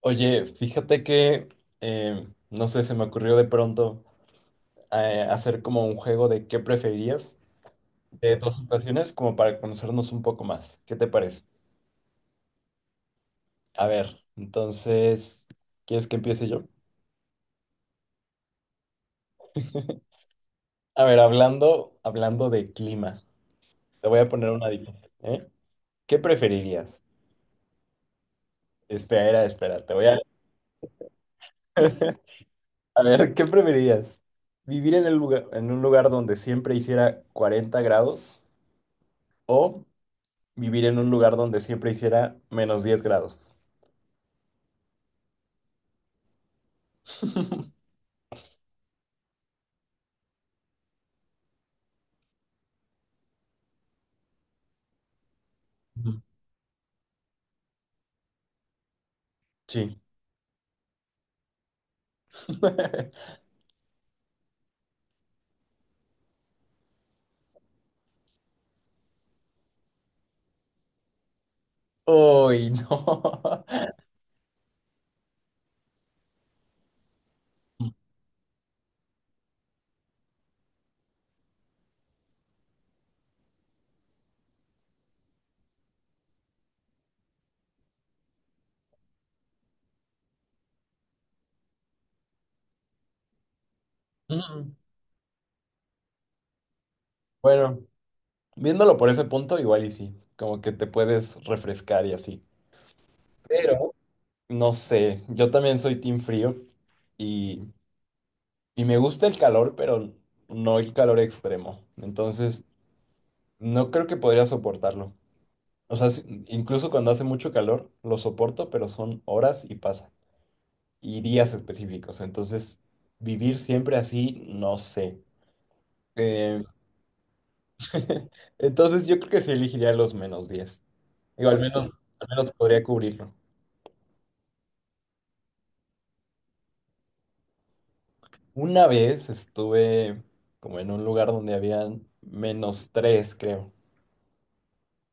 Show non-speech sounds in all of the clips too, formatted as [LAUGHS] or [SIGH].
Oye, fíjate que, no sé, se me ocurrió de pronto hacer como un juego de qué preferirías de dos situaciones como para conocernos un poco más. ¿Qué te parece? A ver, entonces, ¿quieres que empiece yo? A ver, hablando de clima, te voy a poner una difícil, ¿eh? ¿Qué preferirías? Espera, espera, te voy a... [LAUGHS] A ver, ¿qué preferirías? ¿Vivir en un lugar donde siempre hiciera 40 grados o vivir en un lugar donde siempre hiciera -10 grados? Mm. Sí. [LAUGHS] Uy, no. mm, mm. Bueno, viéndolo por ese punto, igual y sí. Como que te puedes refrescar y así. Pero, no sé, yo también soy team frío y, y me gusta el calor, pero no el calor extremo. Entonces, no creo que podría soportarlo. O sea, incluso cuando hace mucho calor, lo soporto, pero son horas y pasa, y días específicos. Entonces, vivir siempre así, no sé. Eh, [LAUGHS] entonces, yo creo que sí elegiría los menos 10. Digo, al menos podría cubrirlo. Una vez estuve como en un lugar donde habían -3, creo.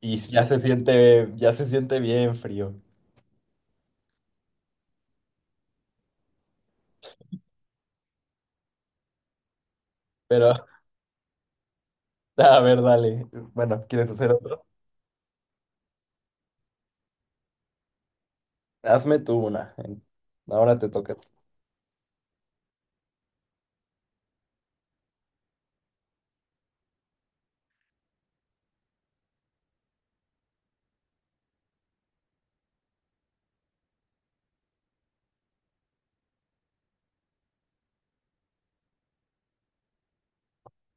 Y ya se siente bien frío. Pero, [LAUGHS] a ver, dale. Bueno, ¿quieres hacer otro? Hazme tú una. Ahora te toca.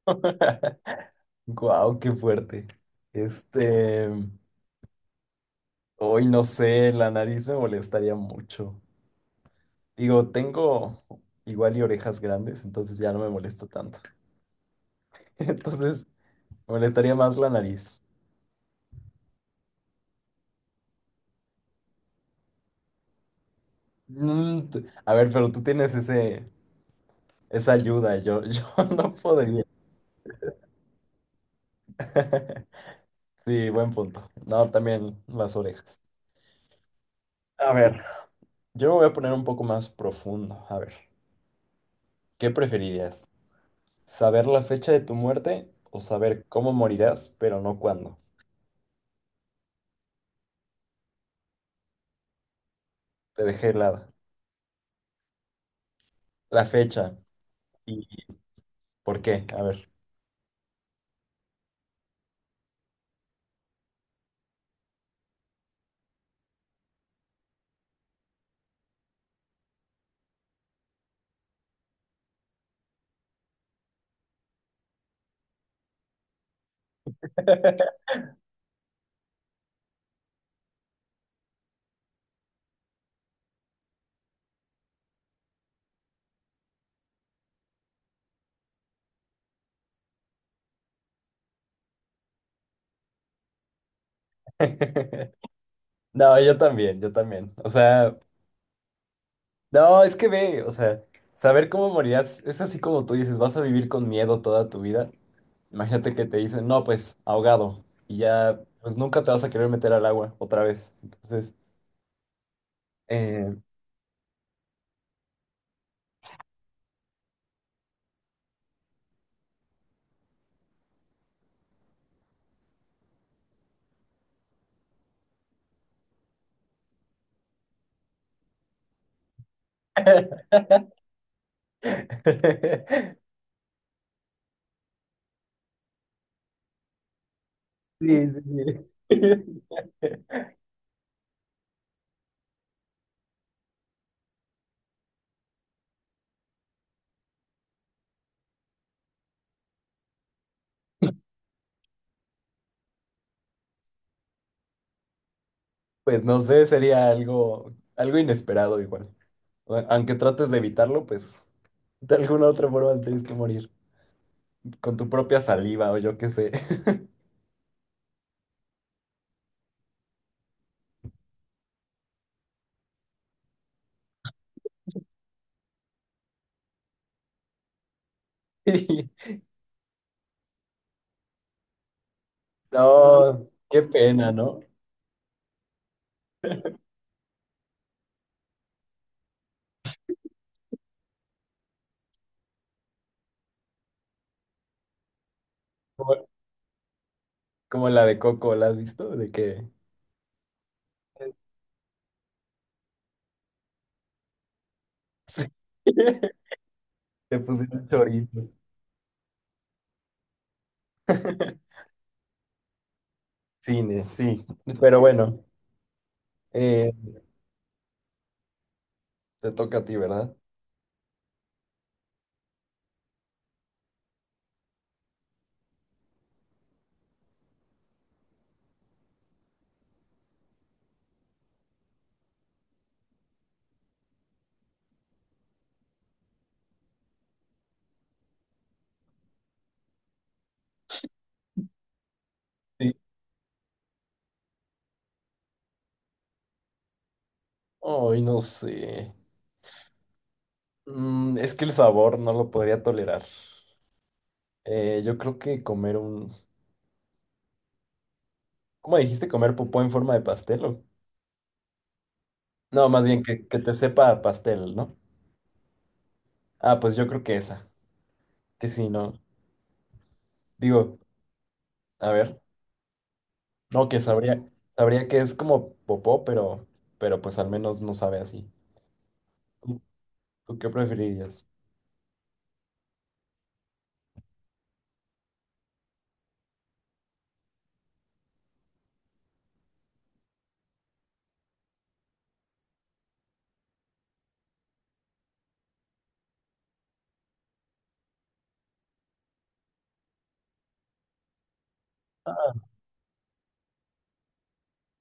[LAUGHS] Guau, qué fuerte. Este. Hoy no sé, la nariz me molestaría mucho. Digo, tengo igual y orejas grandes, entonces ya no me molesta tanto. [LAUGHS] Entonces, me molestaría más la nariz. Mm, a ver, pero tú tienes esa ayuda, yo, [LAUGHS] yo no podría. [LAUGHS] Sí, buen punto. No, también las orejas. A ver, yo me voy a poner un poco más profundo. A ver, ¿qué preferirías? ¿Saber la fecha de tu muerte o saber cómo morirás, pero no cuándo? Te dejé helada. La fecha. ¿Por qué? A ver. [LAUGHS] No, yo también, yo también. O sea, no, es que ve, o sea, saber cómo morirás es así como tú dices, vas a vivir con miedo toda tu vida. Imagínate que te dicen, no, pues ahogado, y ya pues, nunca te vas a querer meter al agua otra vez. Entonces, eh... [LAUGHS] sí, sí, sí. [LAUGHS] Pues no sé, sería algo, algo inesperado igual. Aunque trates de evitarlo, pues de alguna otra forma tienes que morir con tu propia saliva o yo qué sé. [LAUGHS] Y, no, qué pena, ¿no? Como, como la de Coco, ¿la has visto? De que sí, [LAUGHS] te pusieron chorizo. [LAUGHS] Cine, sí. Pero bueno, eh, te toca a ti, ¿verdad? Sí. Ay, no sé. Mm, es que el sabor no lo podría tolerar. Yo creo que comer un... ¿Cómo dijiste? ¿Comer popó en forma de pastel o? No, más bien que te sepa a pastel, ¿no? Ah, pues yo creo que esa. Que sí, no. Digo, a ver, no, que sabría, sabría que es como popó, pero pues al menos no sabe así. ¿Tú, tú qué preferirías?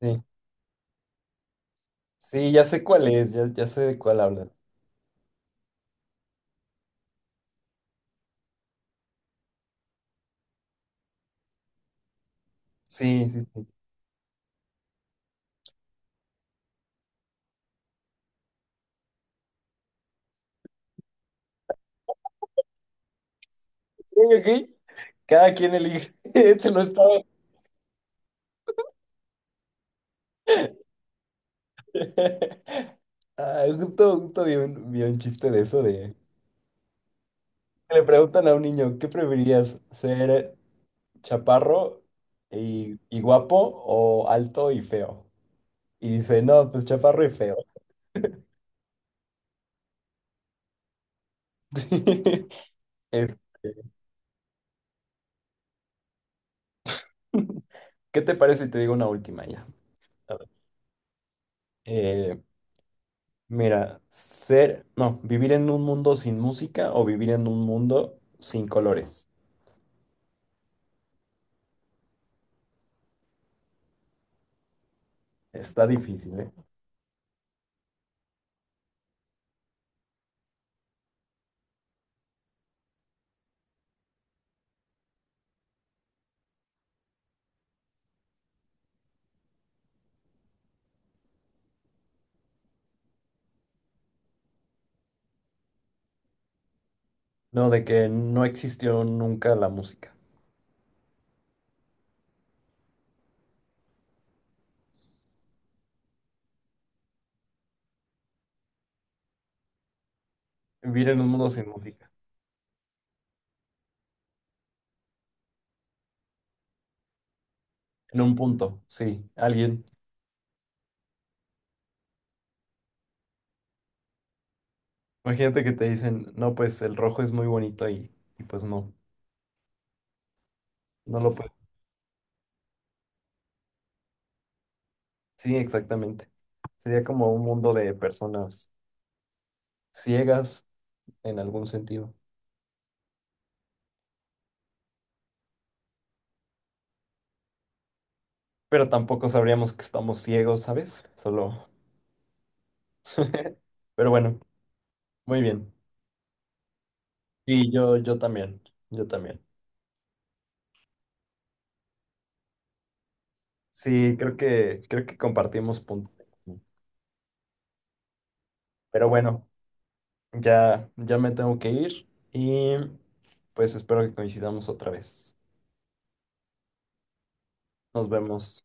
Sí, sí, ya sé cuál es, ya, ya sé de cuál habla. Sí, sí, sí. Ok, ok. Cada quien elige. [LAUGHS] Ese no estaba. [LAUGHS] Ah, justo, justo vi vi un chiste de eso de. Le preguntan a un niño, ¿qué preferirías? ¿Ser chaparro y guapo o alto y feo? Y dice, no, pues chaparro y feo. [LAUGHS] Este, ¿qué te parece si te digo una última ya? A ver. Eh, mira, no, vivir en un mundo sin música o vivir en un mundo sin colores. Está difícil, ¿eh? No, de que no existió nunca la música. Vivir en un mundo sin música. En un punto, sí. Alguien. Imagínate que te dicen, no, pues el rojo es muy bonito y pues no, no lo puedes. Sí, exactamente. Sería como un mundo de personas ciegas en algún sentido. Pero tampoco sabríamos que estamos ciegos, ¿sabes? Solo. [LAUGHS] Pero bueno, muy bien. Y yo también, yo también. Sí, creo que compartimos puntos. Pero bueno, ya, ya me tengo que ir y pues espero que coincidamos otra vez. Nos vemos.